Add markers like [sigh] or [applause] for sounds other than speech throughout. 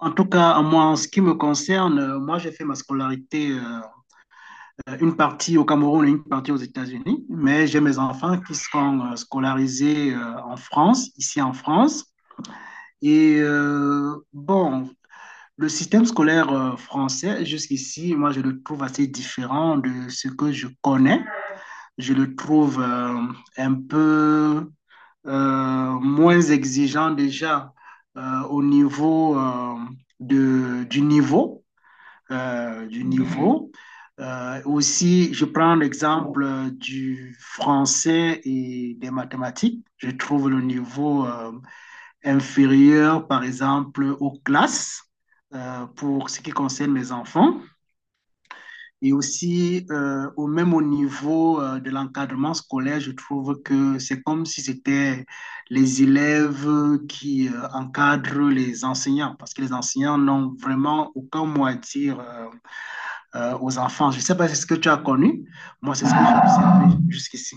En tout cas, moi, en ce qui me concerne, moi, j'ai fait ma scolarité, une partie au Cameroun et une partie aux États-Unis, mais j'ai mes enfants qui sont scolarisés en France, ici en France. Et bon, le système scolaire français, jusqu'ici, moi, je le trouve assez différent de ce que je connais. Je le trouve un peu moins exigeant déjà au niveau de, du niveau. euh, du niveau. Aussi, je prends l'exemple du français et des mathématiques. Je trouve le niveau inférieur, par exemple, aux classes pour ce qui concerne les enfants. Et aussi, au même au niveau de l'encadrement scolaire, je trouve que c'est comme si c'était les élèves qui encadrent les enseignants, parce que les enseignants n'ont vraiment aucun mot à dire aux enfants. Je ne sais pas si c'est ce que tu as connu. Moi, c'est ce que j'ai observé jusqu'ici.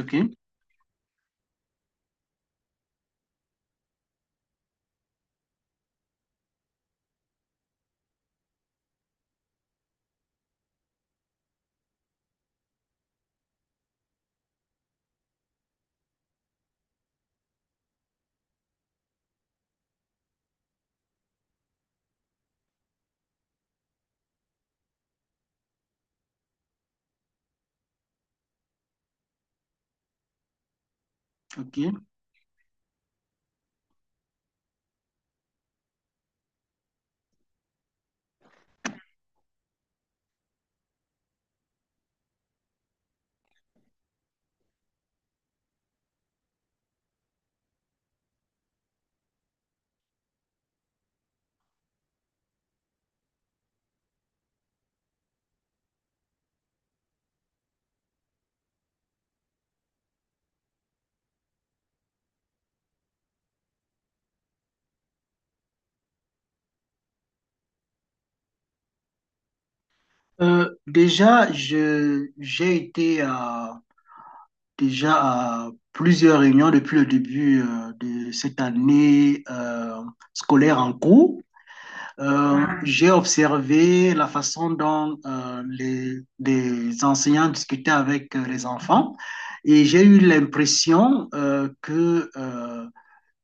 OK, OK. Déjà, j'ai été déjà à plusieurs réunions depuis le début de cette année scolaire en cours. J'ai observé la façon dont les enseignants discutaient avec les enfants et j'ai eu l'impression que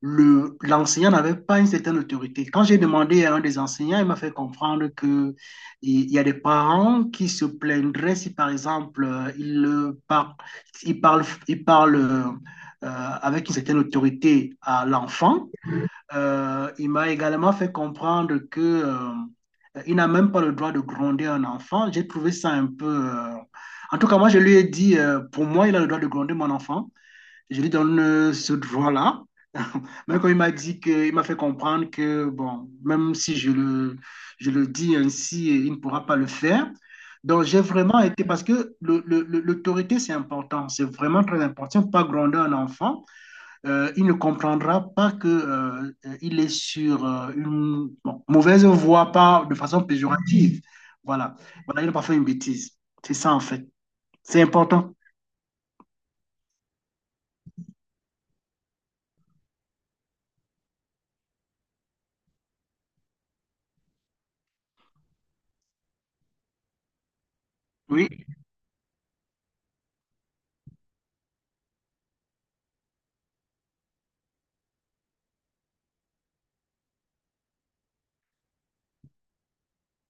le, l'enseignant n'avait pas une certaine autorité. Quand j'ai demandé à un des enseignants, il m'a fait comprendre que il y a des parents qui se plaindraient si, par exemple, ils, ils parlent, avec une certaine autorité à l'enfant. Il m'a également fait comprendre que, il n'a même pas le droit de gronder un enfant. J'ai trouvé ça un peu... en tout cas, moi, je lui ai dit, pour moi, il a le droit de gronder mon enfant. Je lui donne ce droit là. [laughs] Mais quand il m'a dit que, il m'a fait comprendre que, bon, même si je le, je le dis ainsi, il ne pourra pas le faire. Donc, j'ai vraiment été, parce que l'autorité, c'est important, c'est vraiment très important. Il ne faut pas gronder un enfant. Il ne comprendra pas que il est sur une bon, mauvaise voie, pas de façon péjorative. Voilà, voilà, il n'a pas fait une bêtise. C'est ça, en fait. C'est important. Oui,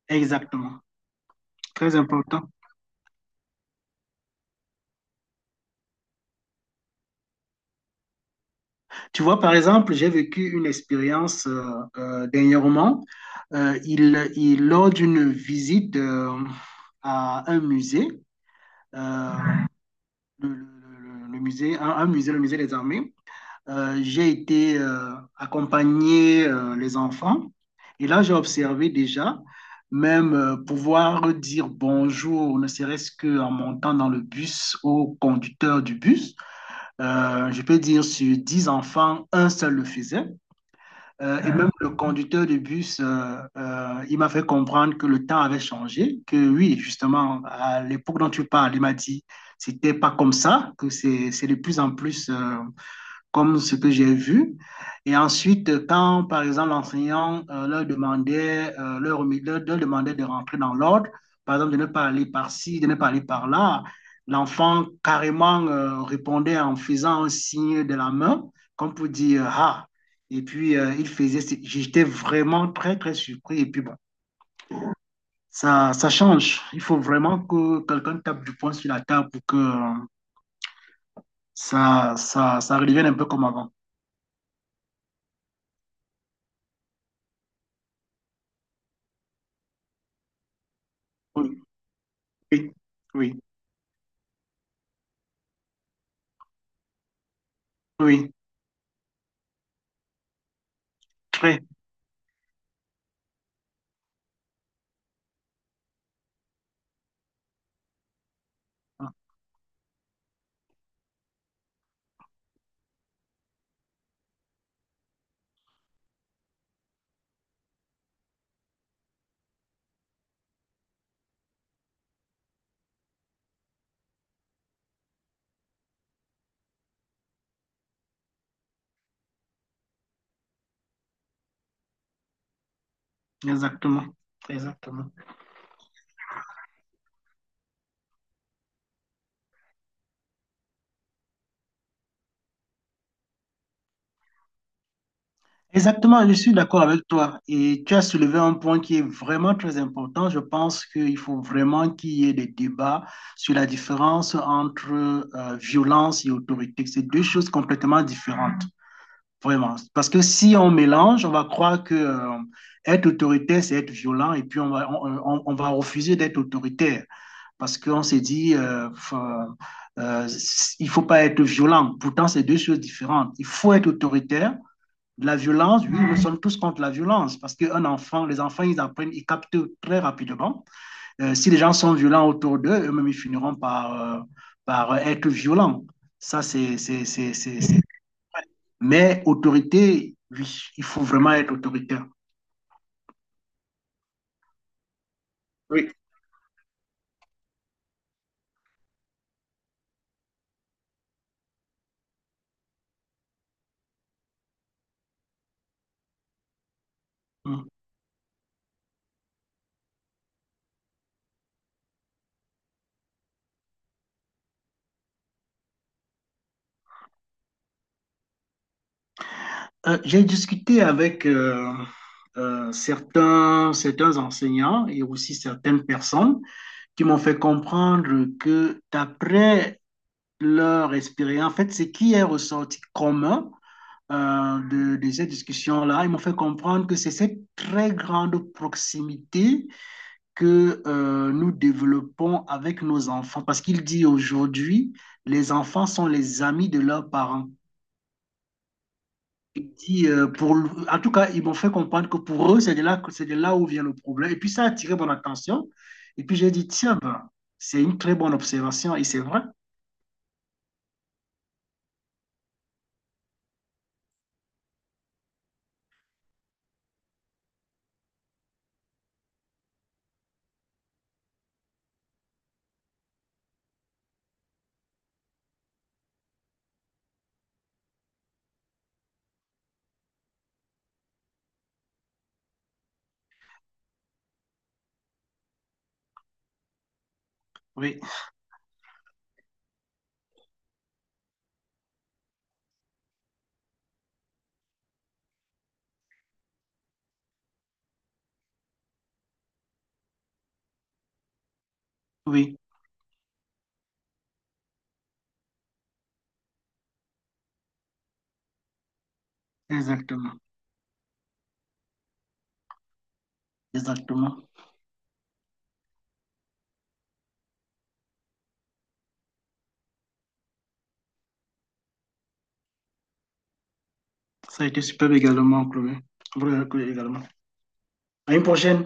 exactement. Très important. Tu vois, par exemple, j'ai vécu une expérience dernièrement. Lors d'une visite à un musée, euh, le, le- musée, un musée, le musée des armées, j'ai été accompagner les enfants. Et là, j'ai observé déjà, même pouvoir dire bonjour, ne serait-ce qu'en montant dans le bus au conducteur du bus. Je peux dire sur 10 enfants, un seul le faisait. Et même le conducteur de bus, il m'a fait comprendre que le temps avait changé, que oui, justement, à l'époque dont tu parles, il m'a dit, c'était pas comme ça, que c'est de plus en plus comme ce que j'ai vu. Et ensuite, quand, par exemple, l'enseignant leur demandait, leur demandait de rentrer dans l'ordre, par exemple, de ne pas aller par-ci, de ne pas aller par-là, l'enfant carrément répondait en faisant un signe de la main, comme pour dire «ah». Et puis, il faisait, j'étais vraiment très, très surpris. Et puis, bon, ça change. Il faut vraiment que quelqu'un tape du poing sur la table pour que ça redevienne un peu comme avant. Oui, oui, oui. Oui, très. Exactement. Exactement. Exactement, je suis d'accord avec toi. Et tu as soulevé un point qui est vraiment très important. Je pense qu'il faut vraiment qu'il y ait des débats sur la différence entre violence et autorité. C'est deux choses complètement différentes, vraiment. Parce que si on mélange, on va croire que être autoritaire, c'est être violent, et puis on va, on va refuser d'être autoritaire, parce qu'on s'est dit, euh, il ne faut pas être violent. Pourtant, c'est deux choses différentes. Il faut être autoritaire. La violence, oui, nous sommes tous contre la violence parce qu'un enfant, les enfants, ils apprennent, ils captent très rapidement. Si les gens sont violents autour d'eux, eux-mêmes, ils finiront par, par être violents. Ça, c'est. C'est... Mais autorité, oui, il faut vraiment être autoritaire. Oui. Mmh. J'ai discuté avec certains enseignants et aussi certaines personnes qui m'ont fait comprendre que d'après leur expérience, en fait, ce qui est ressorti commun de ces discussions-là, ils m'ont fait comprendre que c'est cette très grande proximité que nous développons avec nos enfants. Parce qu'il dit aujourd'hui, les enfants sont les amis de leurs parents. Il dit, pour, en tout cas, ils m'ont fait comprendre que pour eux, c'est de là, c'est de là où vient le problème. Et puis, ça a attiré mon attention. Et puis, j'ai dit, tiens, ben, c'est une très bonne observation. Et c'est vrai. Oui, oui, exactement. Exactement. Ça a été superbe également, Chloé. Vraiment, Chloé, également. À une prochaine.